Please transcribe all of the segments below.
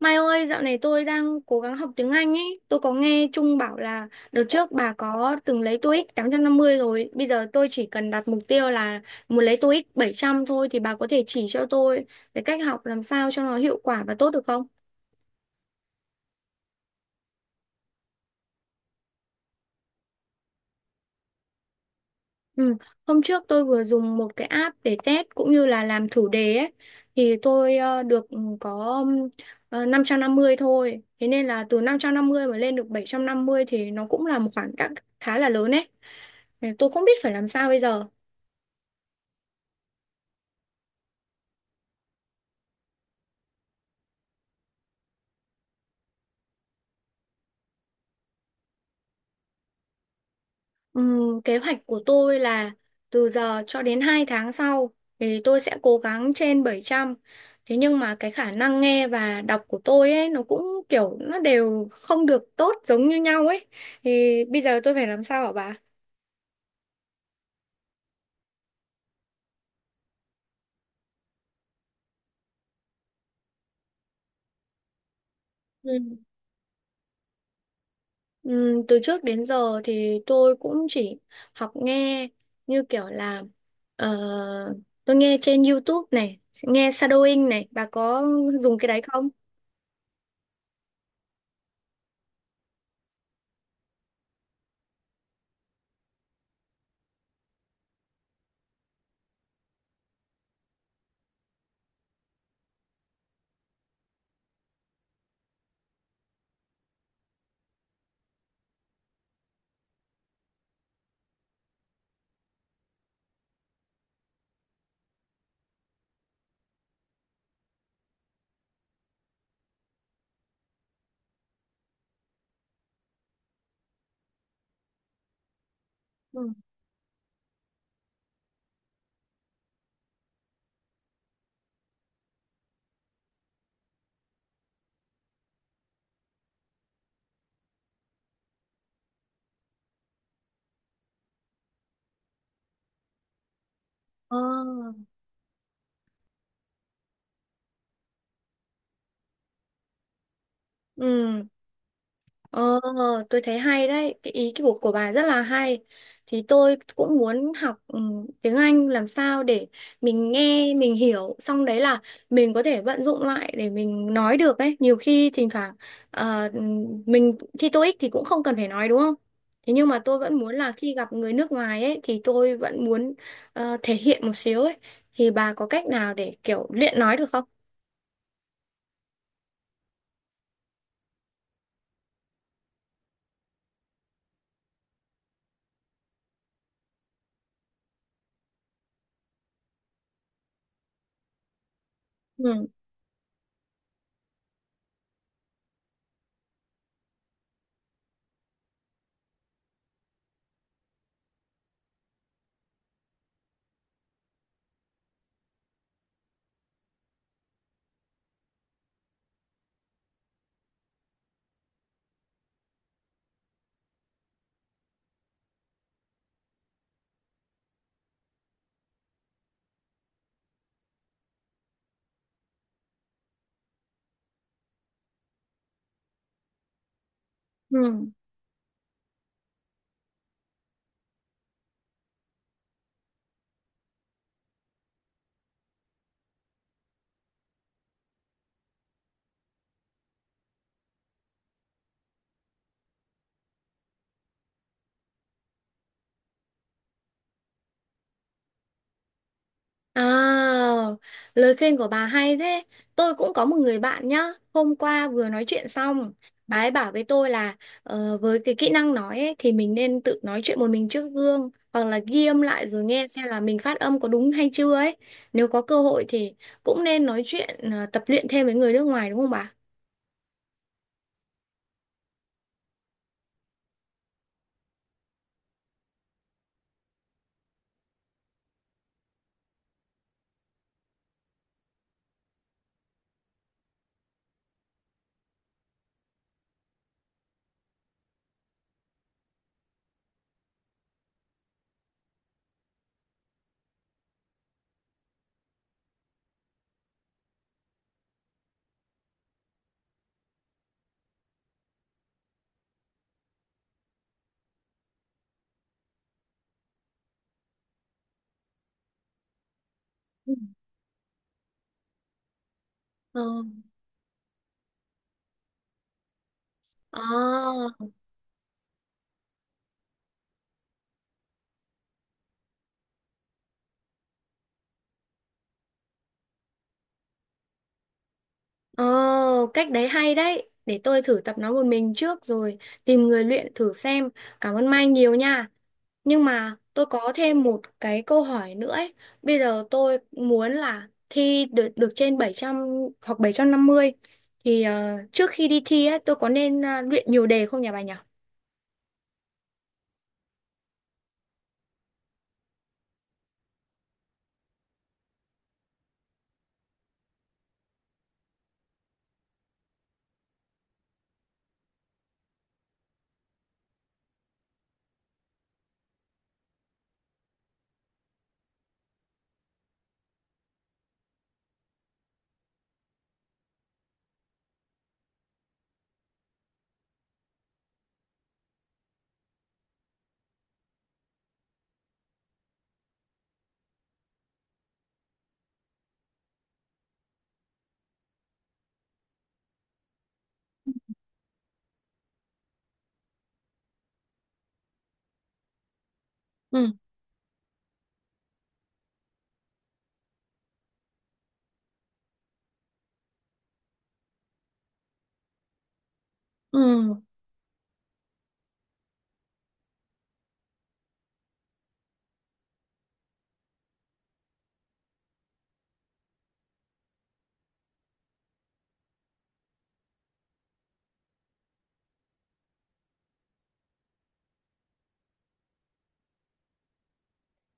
Mai ơi, dạo này tôi đang cố gắng học tiếng Anh ấy. Tôi có nghe Trung bảo là đợt trước bà có từng lấy TOEIC 850 rồi. Bây giờ tôi chỉ cần đặt mục tiêu là muốn lấy TOEIC 700 thôi thì bà có thể chỉ cho tôi cái cách học làm sao cho nó hiệu quả và tốt được không? Ừ. Hôm trước tôi vừa dùng một cái app để test cũng như là làm thử đề ấy. Thì tôi được có 550 thôi. Thế nên là từ 550 mà lên được 750 thì nó cũng là một khoảng cách khá là lớn ấy. Nên tôi không biết phải làm sao bây giờ. Kế hoạch của tôi là từ giờ cho đến 2 tháng sau thì tôi sẽ cố gắng trên 700. Thế nhưng mà cái khả năng nghe và đọc của tôi ấy nó cũng kiểu nó đều không được tốt giống như nhau ấy. Thì bây giờ tôi phải làm sao hả bà? Ừ. Ừ, từ trước đến giờ thì tôi cũng chỉ học nghe như kiểu là ờ, tôi nghe trên YouTube này, nghe shadowing này, bà có dùng cái đấy không? Ừ. Ờ. Ừ, ờ, tôi thấy hay đấy, cái ý của bà rất là hay. Thì tôi cũng muốn học ừ, tiếng Anh làm sao để mình nghe, mình hiểu, xong đấy là mình có thể vận dụng lại để mình nói được ấy. Nhiều khi thỉnh thoảng ờ, ừ, mình thi TOEIC thì cũng không cần phải nói đúng không? Thế nhưng mà tôi vẫn muốn là khi gặp người nước ngoài ấy thì tôi vẫn muốn thể hiện một xíu ấy. Thì bà có cách nào để kiểu luyện nói được không? Ừ. Ừ. À, lời khuyên của bà hay thế. Tôi cũng có một người bạn nhá. Hôm qua vừa nói chuyện xong, bà ấy bảo với tôi là với cái kỹ năng nói ấy, thì mình nên tự nói chuyện một mình trước gương hoặc là ghi âm lại rồi nghe xem là mình phát âm có đúng hay chưa ấy. Nếu có cơ hội thì cũng nên nói chuyện tập luyện thêm với người nước ngoài đúng không bà? Ừ. Ờ. Ờ, ờ, cách đấy hay đấy. Để tôi thử tập nói một mình trước rồi tìm người luyện thử xem. Cảm ơn Mai nhiều nha. Nhưng mà tôi có thêm một cái câu hỏi nữa ấy. Bây giờ tôi muốn là thi được được trên 700 hoặc 750 thì trước khi đi thi ấy tôi có nên luyện nhiều đề không nhỉ bà nhỉ? Ừ. Ừ.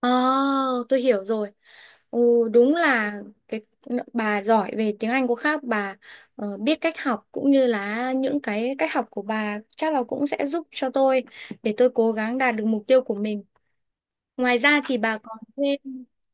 ờ tôi hiểu rồi. Ồ, đúng là cái bà giỏi về tiếng Anh của khác bà, biết cách học cũng như là những cái cách học của bà chắc là cũng sẽ giúp cho tôi để tôi cố gắng đạt được mục tiêu của mình. Ngoài ra thì bà còn thêm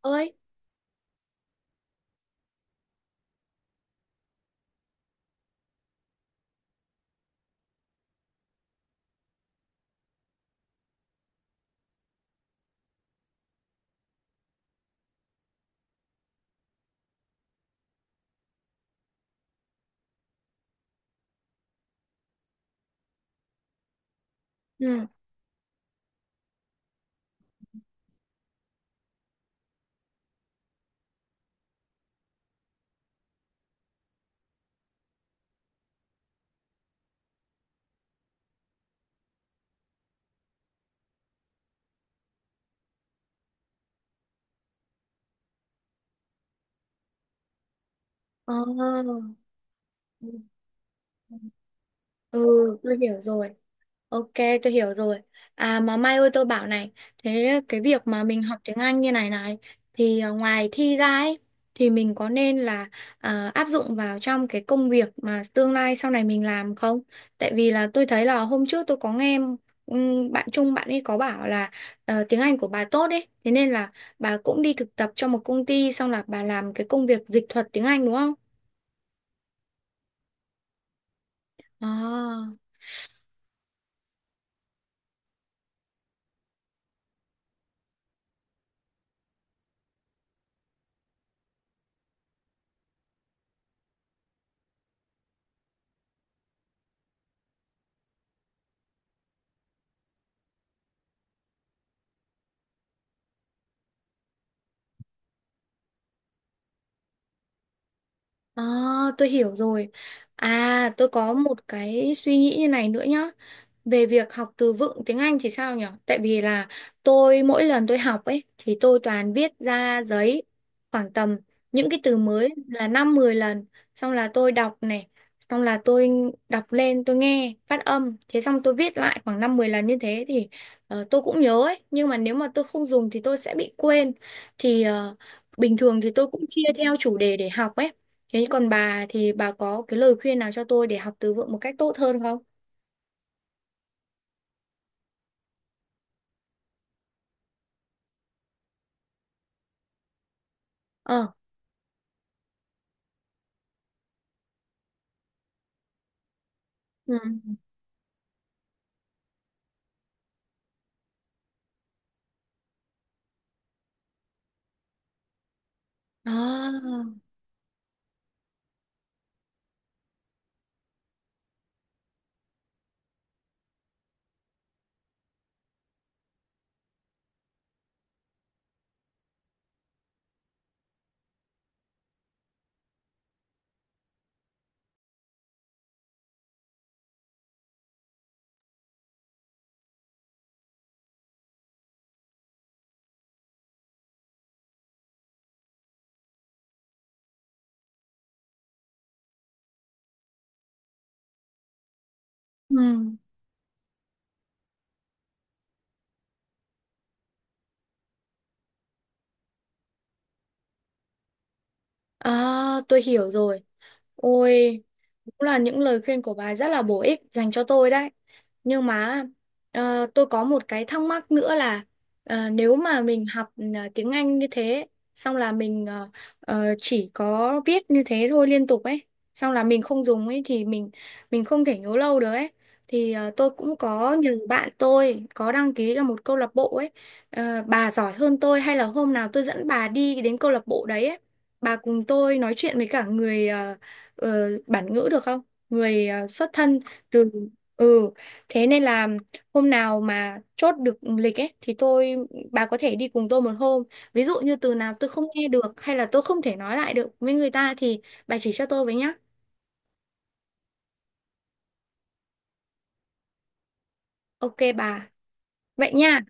ơi. Ừ. Ờ, ừ, ừ, tôi hiểu rồi. Ok, tôi hiểu rồi. À mà Mai ơi tôi bảo này, thế cái việc mà mình học tiếng Anh như này này thì à, ngoài thi ra ấy thì mình có nên là à, áp dụng vào trong cái công việc mà tương lai sau này mình làm không? Tại vì là tôi thấy là hôm trước tôi có nghe bạn Trung bạn ấy có bảo là tiếng Anh của bà tốt ấy, thế nên là bà cũng đi thực tập cho một công ty xong là bà làm cái công việc dịch thuật tiếng Anh đúng không? À, à, tôi hiểu rồi. À, tôi có một cái suy nghĩ như này nữa nhá. Về việc học từ vựng tiếng Anh thì sao nhỉ? Tại vì là tôi mỗi lần tôi học ấy thì tôi toàn viết ra giấy khoảng tầm những cái từ mới là 5 10 lần, xong là tôi đọc này, xong là tôi đọc lên tôi nghe phát âm, thế xong tôi viết lại khoảng 5 10 lần như thế thì tôi cũng nhớ ấy, nhưng mà nếu mà tôi không dùng thì tôi sẽ bị quên. Thì bình thường thì tôi cũng chia theo chủ đề để học ấy. Thế còn bà thì bà có cái lời khuyên nào cho tôi để học từ vựng một cách tốt hơn không? Ờ. Ừ. À, ừ. À, tôi hiểu rồi. Ôi, cũng là những lời khuyên của bà rất là bổ ích dành cho tôi đấy. Nhưng mà tôi có một cái thắc mắc nữa là nếu mà mình học ừ, tiếng Anh như thế, xong là mình chỉ có viết như thế thôi liên tục ấy, xong là mình không dùng ấy thì mình không thể nhớ lâu được ấy. Thì tôi cũng có nhiều bạn tôi có đăng ký cho một câu lạc bộ ấy. Ờ, bà giỏi hơn tôi hay là hôm nào tôi dẫn bà đi đến câu lạc bộ đấy ấy. Bà cùng tôi nói chuyện với cả người ờ, bản ngữ được không? Người xuất thân từ ừ, thế nên là hôm nào mà chốt được lịch ấy thì bà có thể đi cùng tôi một hôm. Ví dụ như từ nào tôi không nghe được hay là tôi không thể nói lại được với người ta thì bà chỉ cho tôi với nhá. Ok bà. Vậy nha.